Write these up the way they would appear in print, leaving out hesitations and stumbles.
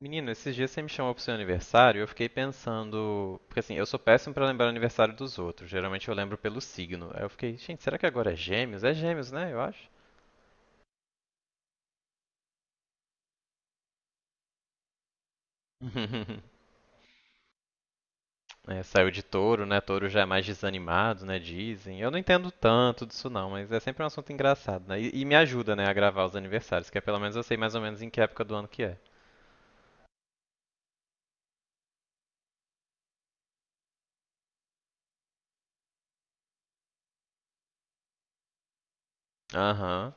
Menino, esses dias você me chamou pro seu aniversário, e eu fiquei pensando, porque assim, eu sou péssimo pra lembrar o aniversário dos outros. Geralmente eu lembro pelo signo. Aí eu fiquei, gente, será que agora é Gêmeos? É Gêmeos, né? Eu acho. É, saiu de touro, né? Touro já é mais desanimado, né? Dizem. Eu não entendo tanto disso não, mas é sempre um assunto engraçado, né? E me ajuda, né, a gravar os aniversários, que é pelo menos eu sei mais ou menos em que época do ano que é. Aham.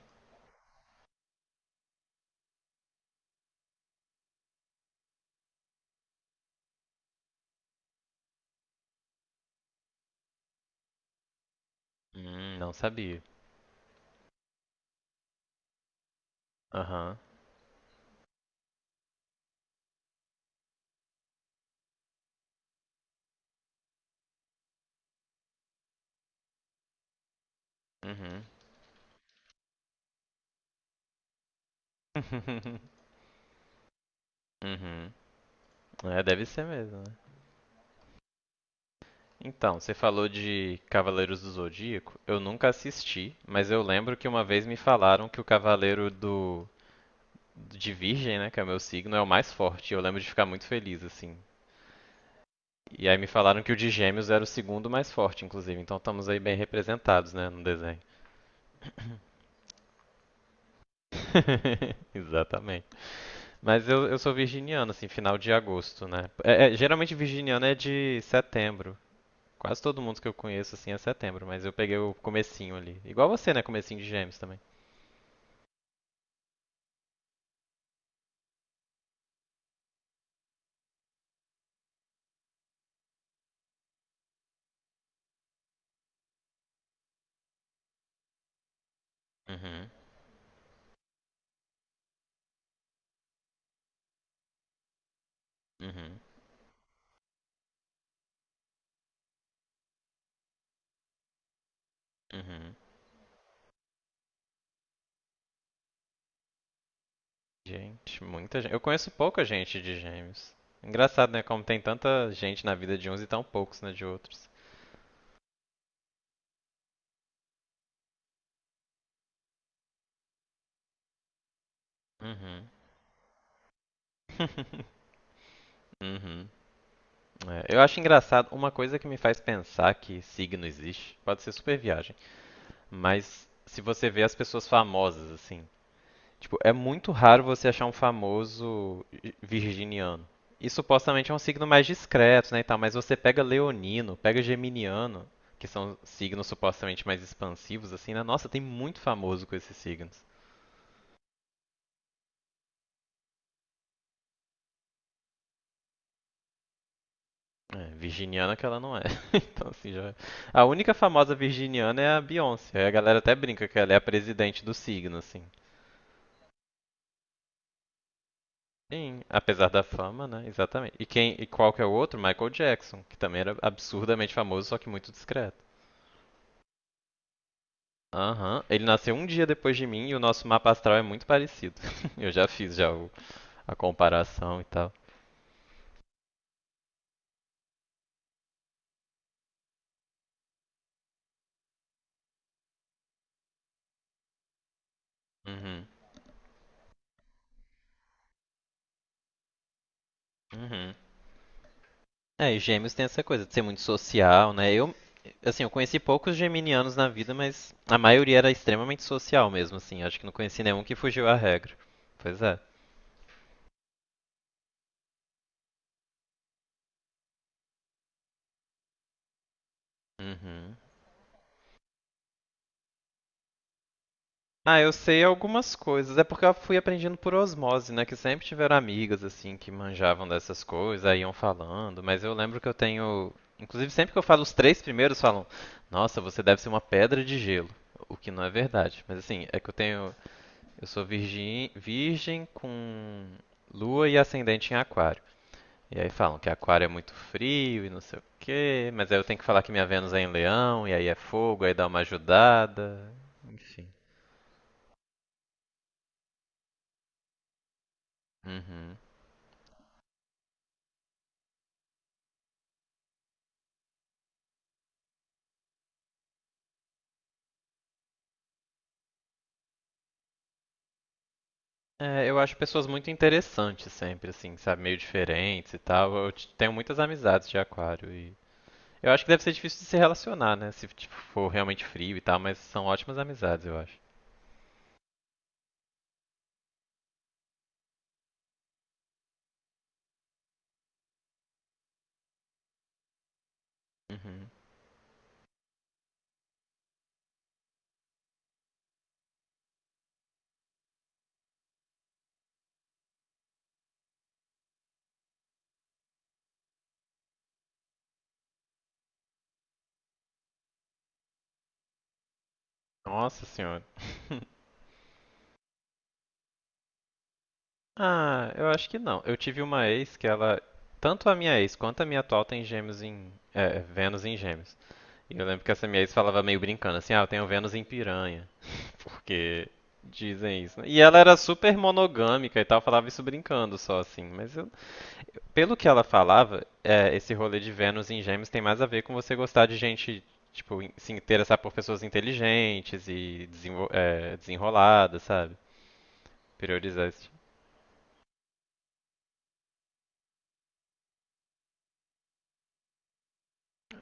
Não sabia. Aham. Uhum. Uhum. É, deve ser mesmo, né? Então, você falou de Cavaleiros do Zodíaco. Eu nunca assisti, mas eu lembro que uma vez me falaram que o Cavaleiro do de Virgem, né, que é o meu signo, é o mais forte. Eu lembro de ficar muito feliz assim. E aí me falaram que o de Gêmeos era o segundo mais forte, inclusive. Então estamos aí bem representados, né, no desenho. Exatamente. Mas eu sou virginiano, assim, final de agosto, né? É, geralmente virginiano é de setembro. Quase todo mundo que eu conheço, assim, é setembro, mas eu peguei o comecinho ali. Igual você, né? Comecinho de gêmeos também. Uhum, uhum, uhum. Gente, muita gente. Eu conheço pouca gente de gêmeos. Engraçado, né? Como tem tanta gente na vida de uns e tão poucos na de outros. Uhum. Uhum. É, eu acho engraçado, uma coisa que me faz pensar que signo existe, pode ser super viagem, mas se você vê as pessoas famosas, assim, tipo, é muito raro você achar um famoso virginiano. E supostamente é um signo mais discreto, né, e tal, mas você pega leonino, pega geminiano, que são signos supostamente mais expansivos, assim, né? Nossa, tem muito famoso com esses signos. É, virginiana que ela não é. Então, assim, já... é. A única famosa virginiana é a Beyoncé. Aí a galera até brinca que ela é a presidente do signo, assim. Sim, apesar da fama, né? Exatamente. E quem e qual que é o outro? Michael Jackson, que também era absurdamente famoso, só que muito discreto. Aham. Ele nasceu um dia depois de mim e o nosso mapa astral é muito parecido. Eu já fiz já o- a comparação e tal. Uhum. Uhum. É, e gêmeos tem essa coisa de ser muito social, né? Eu, assim, eu conheci poucos geminianos na vida, mas a maioria era extremamente social mesmo, assim. Acho que não conheci nenhum que fugiu à regra. Pois é. Uhum. Ah, eu sei algumas coisas. É porque eu fui aprendendo por osmose, né? Que sempre tiveram amigas, assim, que manjavam dessas coisas, aí iam falando. Mas eu lembro que eu tenho. Inclusive, sempre que eu falo os três primeiros, falam: Nossa, você deve ser uma pedra de gelo. O que não é verdade. Mas assim, é que eu tenho. Eu sou virgem, virgem com lua e ascendente em aquário. E aí falam que aquário é muito frio e não sei o quê. Mas aí eu tenho que falar que minha Vênus é em leão, e aí é fogo, aí dá uma ajudada. Enfim. Uhum. É, eu acho pessoas muito interessantes sempre, assim, sabe? Meio diferentes e tal. Tenho muitas amizades de aquário e. Eu acho que deve ser difícil de se relacionar, né? Se tipo, for realmente frio e tal, mas são ótimas amizades, eu acho. Uhum. Nossa senhora. Ah, eu acho que não. Eu tive uma ex que ela. Tanto a minha ex quanto a minha atual tem gêmeos em. É, Vênus em gêmeos. E eu lembro que essa minha ex falava meio brincando, assim, ah, eu tenho Vênus em piranha. Porque dizem isso, né? E ela era super monogâmica e tal, falava isso brincando só assim. Mas eu- pelo que ela falava, é, esse rolê de Vênus em Gêmeos tem mais a ver com você gostar de gente, tipo, se interessar por pessoas inteligentes e é, desenroladas, sabe? Priorizar esse tipo.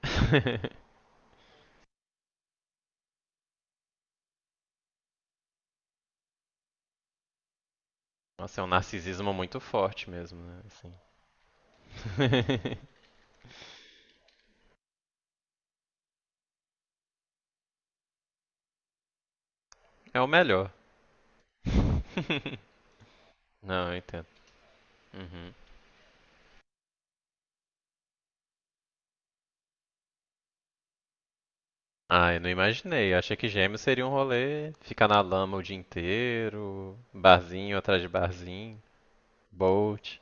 Nossa, é um narcisismo muito forte mesmo, né? Assim. É o melhor. Não, eu entendo. Uhum. Ah, eu não imaginei. Eu achei que gêmeos seria um rolê, ficar na lama o dia inteiro, barzinho atrás de barzinho, bolt.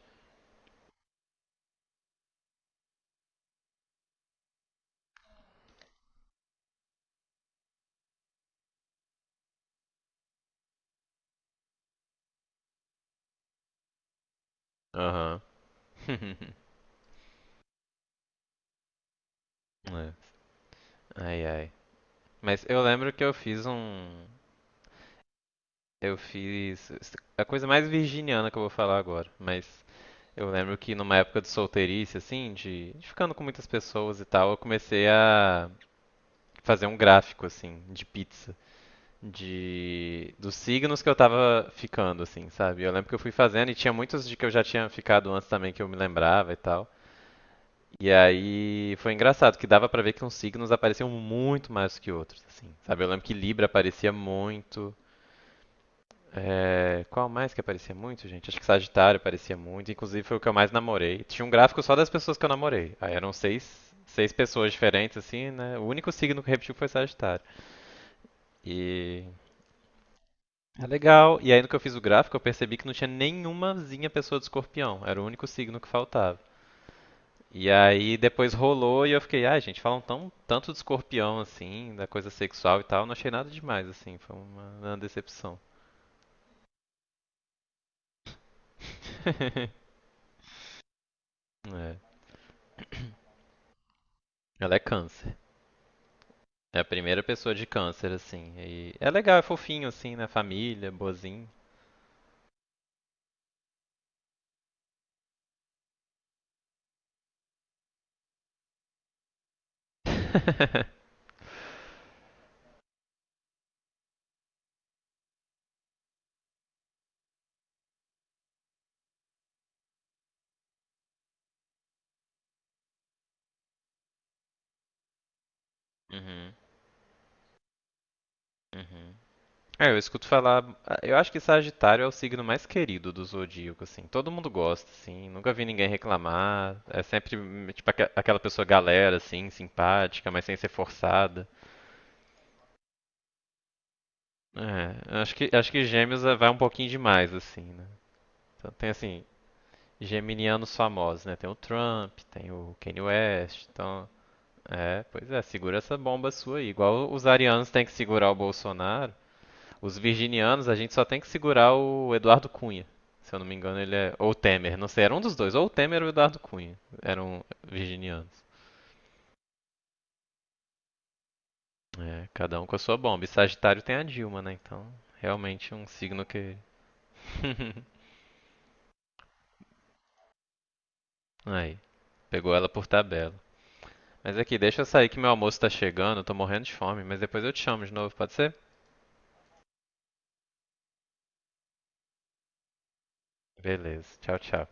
Aham. É. Ai, ai. Mas eu lembro que eu fiz um. Eu fiz. A coisa mais virginiana que eu vou falar agora. Mas eu lembro que numa época de solteirice, assim, de ficando com muitas pessoas e tal, eu comecei a fazer um gráfico, assim, de pizza. De dos signos que eu tava ficando, assim, sabe? Eu lembro que eu fui fazendo e tinha muitos de que eu já tinha ficado antes também que eu me lembrava e tal. E aí foi engraçado que dava pra ver que uns signos apareciam muito mais do que outros, assim, sabe? Eu lembro que Libra aparecia muito. É, qual mais que aparecia muito, gente? Acho que Sagitário aparecia muito. Inclusive foi o que eu mais namorei. Tinha um gráfico só das pessoas que eu namorei. Aí eram seis pessoas diferentes, assim, né? O único signo que repetiu foi Sagitário. E é legal. E aí, no que eu fiz o gráfico, eu percebi que não tinha nenhumazinha pessoa de escorpião. Era o único signo que faltava. E aí, depois rolou e eu fiquei, ah gente, falam tão, tanto de escorpião, assim, da coisa sexual e tal. Não achei nada demais, assim. Foi uma decepção. É. Ela é câncer. É a primeira pessoa de câncer, assim. E é legal, é fofinho, assim, né? Família, boazinho. Uhum, uhum. É, eu escuto falar. Ah, eu acho que Sagitário é o signo mais querido do zodíaco, assim. Todo mundo gosta, assim. Nunca vi ninguém reclamar. É sempre, tipo, aquela pessoa galera, assim, simpática, mas sem ser forçada. É, acho que Gêmeos vai um pouquinho demais, assim, né? Então tem, assim, geminianos famosos, né? Tem o Trump, tem o Kanye West, então. É, pois é, segura essa bomba sua aí. Igual os arianos têm que segurar o Bolsonaro. Os virginianos, a gente só tem que segurar o Eduardo Cunha. Se eu não me engano, ele é. Ou o Temer, não sei, era um dos dois. Ou o Temer ou o Eduardo Cunha. Eram virginianos. É, cada um com a sua bomba. E Sagitário tem a Dilma, né? Então, realmente um signo que. Aí. Pegou ela por tabela. Mas aqui, deixa eu sair que meu almoço tá chegando, eu tô morrendo de fome, mas depois eu te chamo de novo, pode ser? Beleza, tchau, tchau.